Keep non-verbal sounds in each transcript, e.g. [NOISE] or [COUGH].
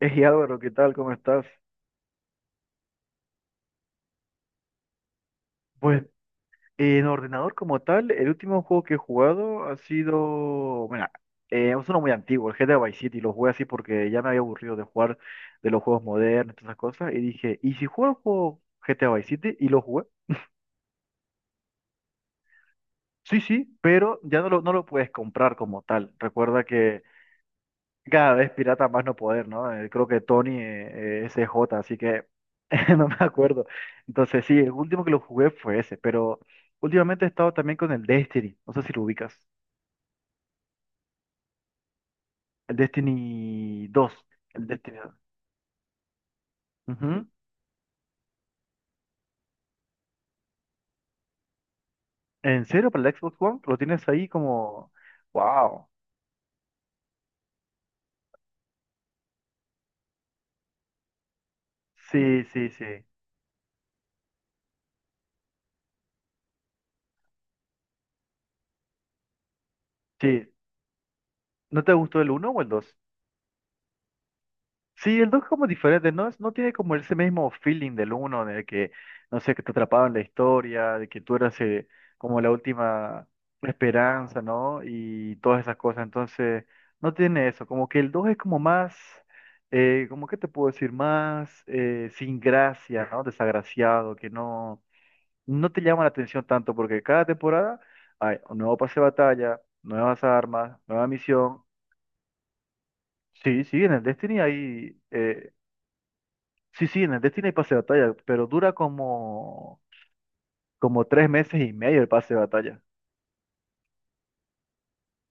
Hey Álvaro, ¿qué tal? ¿Cómo estás? Pues en ordenador como tal, el último juego que he jugado ha sido, bueno, es uno muy antiguo, el GTA Vice City, lo jugué así porque ya me había aburrido de jugar de los juegos modernos, todas esas cosas, y dije, ¿y si juego el juego GTA Vice City? Y lo jugué. Sí, sí, pero ya no lo puedes comprar como tal. Recuerda que cada vez pirata más no poder, ¿no? Creo que Tony es J, así que [LAUGHS] no me acuerdo. Entonces sí, el último que lo jugué fue ese, pero últimamente he estado también con el Destiny, no sé si lo ubicas. El Destiny 2, el Destiny 2. Ujú. ¿En serio para el Xbox One? ¿Lo tienes ahí como? ¡Wow! Sí, sí, sí. Sí. ¿No te gustó el uno o el 2? Sí, el 2 es como diferente, no, no tiene como ese mismo feeling del uno de que, no sé, que te atrapaba en la historia, de que tú eras como la última esperanza, ¿no? Y todas esas cosas, entonces no tiene eso, como que el 2 es como más, como que te puedo decir, más sin gracia, ¿no? Desagraciado, que no, no te llama la atención tanto, porque cada temporada hay un nuevo pase de batalla, nuevas armas, nueva misión. Sí, sí, en el Destiny hay. Sí, sí, en el Destiny hay pase de batalla, pero dura como 3 meses y medio el pase de batalla.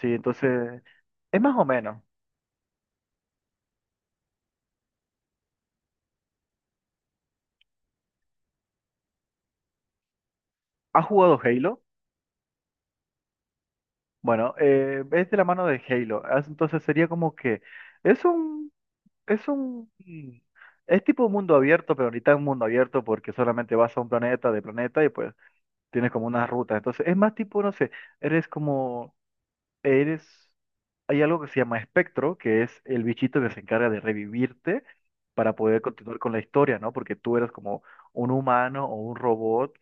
Sí, entonces es más o menos. ¿Has jugado Halo? Bueno, es de la mano de Halo. Entonces sería como que es un, es un, mm, es tipo un mundo abierto, pero ahorita un mundo abierto porque solamente vas a un planeta de planeta y pues tienes como unas rutas. Entonces es más tipo, no sé, eres como eres, hay algo que se llama espectro, que es el bichito que se encarga de revivirte para poder continuar con la historia, ¿no? Porque tú eras como un humano o un robot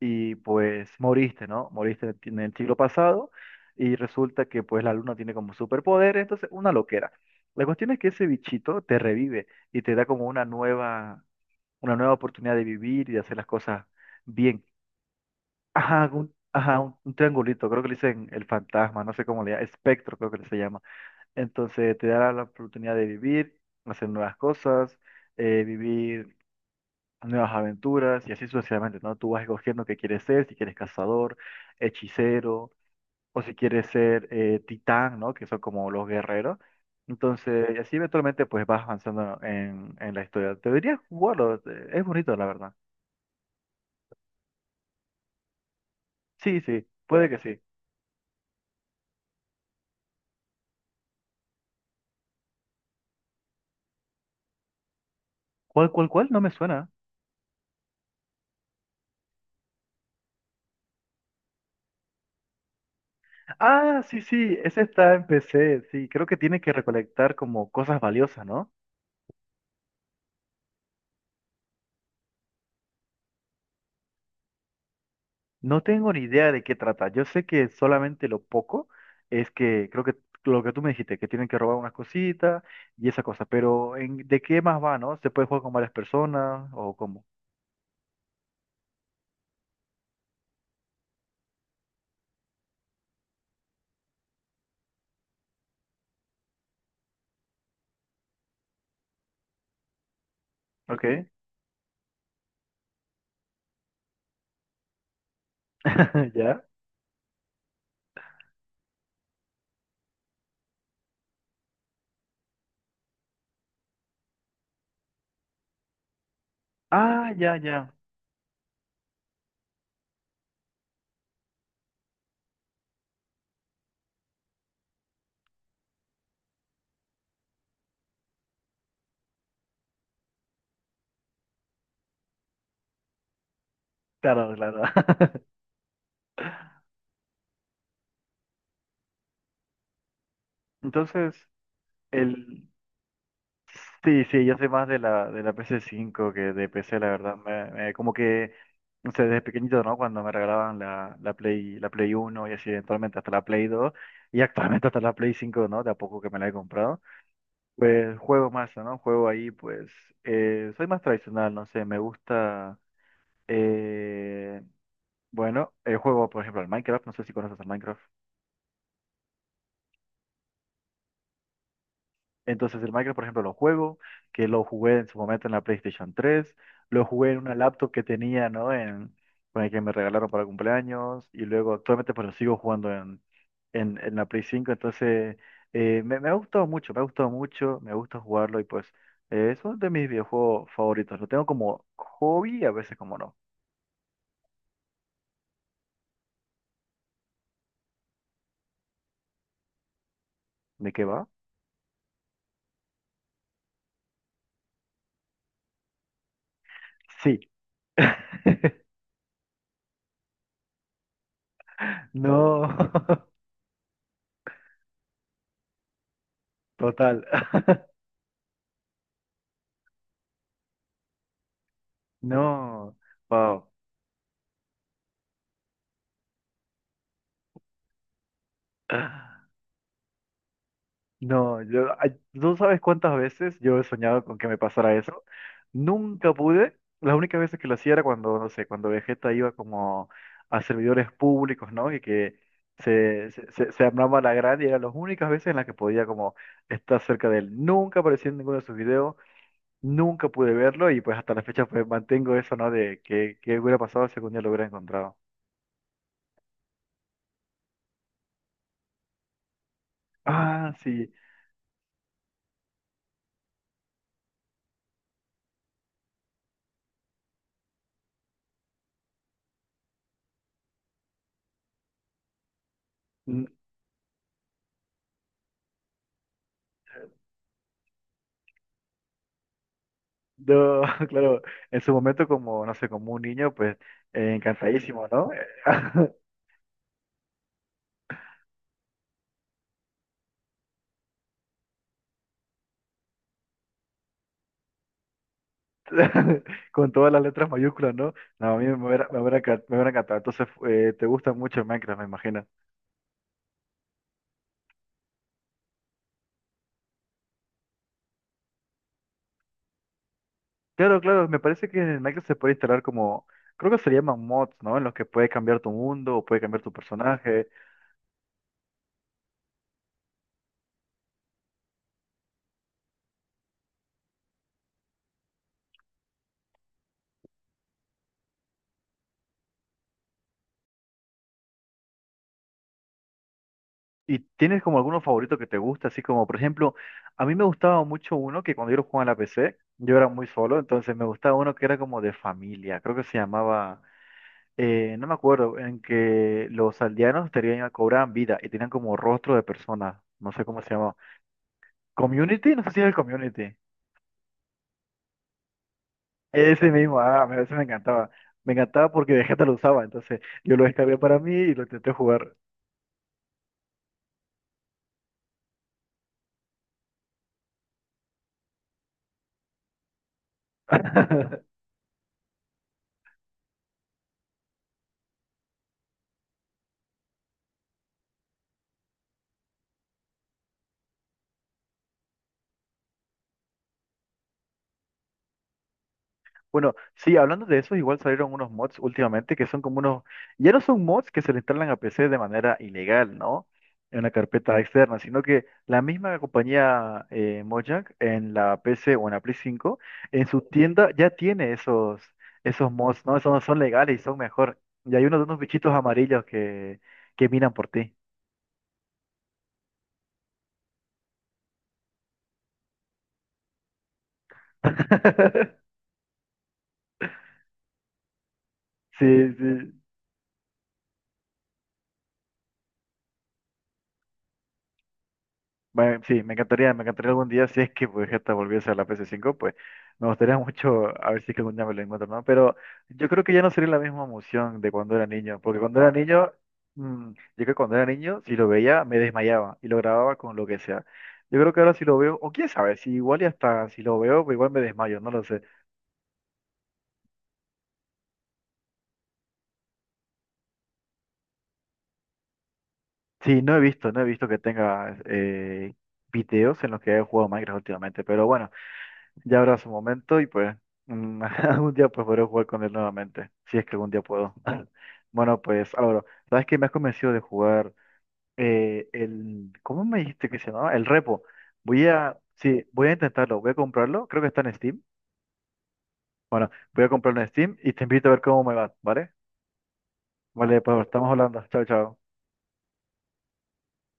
y pues moriste, ¿no? Moriste en el siglo pasado y resulta que pues la luna tiene como superpoderes, entonces una loquera. La cuestión es que ese bichito te revive y te da como una nueva oportunidad de vivir y de hacer las cosas bien. Ajá, ajá, un triangulito, creo que le dicen el fantasma, no sé cómo le llaman, espectro creo que se llama. Entonces te dará la oportunidad de vivir, hacer nuevas cosas, vivir nuevas aventuras y así sucesivamente, ¿no? Tú vas escogiendo qué quieres ser, si quieres cazador, hechicero o si quieres ser titán, ¿no? Que son como los guerreros. Entonces, y así eventualmente pues vas avanzando en la historia. Deberías jugarlo, es bonito, la verdad. Sí, sí, puede que sí. ¿Cuál? No me suena. Ah, sí, sí, ese está en PC, sí, creo que tiene que recolectar como cosas valiosas, ¿no? No tengo ni idea de qué trata, yo sé que solamente lo poco es que, creo que lo que tú me dijiste, que tienen que robar unas cositas y esa cosa, pero ¿de qué más va, no? ¿Se puede jugar con varias personas o cómo? Ok, [LAUGHS] ¿ya? Ah, ya, ya, claro, claro. [LAUGHS] Entonces, el. Sí, sí, yo soy más de la PS5 que de PC, la verdad. Como que, no sé, desde pequeñito, ¿no? Cuando me regalaban la Play uno y así, eventualmente hasta la Play 2 y actualmente hasta la Play 5, ¿no? De a poco que me la he comprado. Pues juego más, ¿no? Juego ahí, pues, soy más tradicional, no sé, me gusta, eh, bueno, juego, por ejemplo, al Minecraft, no sé si conoces al Minecraft. Entonces el Minecraft, por ejemplo, lo juego, que lo jugué en su momento en la PlayStation 3, lo jugué en una laptop que tenía, ¿no? Con el que me regalaron para cumpleaños, y luego actualmente pues lo sigo jugando en la Play 5, entonces me ha gustado mucho, me ha gustado mucho, me gusta jugarlo y pues es uno de mis videojuegos favoritos, lo tengo como hobby y a veces como no. ¿De qué va? Sí. [LAUGHS] No, [LAUGHS] total. [LAUGHS] No, wow. No, yo, ay, tú sabes cuántas veces yo he soñado con que me pasara eso. Nunca pude. Las únicas veces que lo hacía era cuando, no sé, cuando Vegeta iba como a servidores públicos, ¿no? Y que se armaba la grande y eran las únicas veces en las que podía como estar cerca de él. Nunca apareció en ninguno de sus videos, nunca pude verlo y pues hasta la fecha pues mantengo eso, ¿no? De que hubiera pasado si algún día lo hubiera encontrado. Ah, sí. No, [LAUGHS] claro, en su momento como, no sé, como un niño, pues encantadísimo, ¿no? [LAUGHS] Con todas las letras mayúsculas, ¿no? No, a mí me hubiera encantado. Entonces, te gusta mucho Minecraft, me imagino. Claro, claro, me parece que en Minecraft se puede instalar como, creo que se llaman mods, ¿no? En los que puedes cambiar tu mundo o puedes cambiar tu personaje. ¿Y tienes como alguno favorito que te gusta? Así como, por ejemplo, a mí me gustaba mucho uno que cuando yo lo jugaba en la PC, yo era muy solo, entonces me gustaba uno que era como de familia, creo que se llamaba. No me acuerdo, en que los aldeanos tenían, cobraban vida y tenían como rostro de personas, no sé cómo se llamaba. ¿Community? No sé si era el Community. Ese mismo, ah, ese me encantaba. Me encantaba porque de gente lo usaba, entonces yo lo descargué para mí y lo intenté jugar. [LAUGHS] Bueno, sí, hablando de eso, igual salieron unos mods últimamente que son como unos, ya no son mods que se le instalan a PC de manera ilegal, ¿no? En una carpeta externa, sino que la misma compañía Mojang en la PC o en la Play 5 en su tienda ya tiene esos mods, ¿no? Esos no son legales y son mejor. Y hay unos de unos bichitos amarillos que miran por ti. [LAUGHS] Sí, sí, bueno, sí, me encantaría algún día, si es que pues esta volviese a la PS5, pues me gustaría mucho a ver si es que algún día me lo encuentro, ¿no? Pero yo creo que ya no sería la misma emoción de cuando era niño, porque cuando era niño, yo creo que cuando era niño, si lo veía, me desmayaba y lo grababa con lo que sea. Yo creo que ahora si lo veo, o quién sabe, si igual y hasta si lo veo, pues igual me desmayo, no lo sé. Sí, no he visto que tenga videos en los que haya jugado Minecraft últimamente, pero bueno. Ya habrá su momento y pues [LAUGHS] algún día pues podré jugar con él nuevamente, si es que algún día puedo. [LAUGHS] Bueno, pues Álvaro, ¿sabes que me has convencido de jugar el. ¿Cómo me dijiste que se llamaba? El repo. Voy a. Sí, voy a intentarlo, voy a comprarlo, creo que está en Steam. Bueno, voy a comprarlo en Steam y te invito a ver cómo me va, ¿vale? Vale, pues estamos hablando. Chao, chao.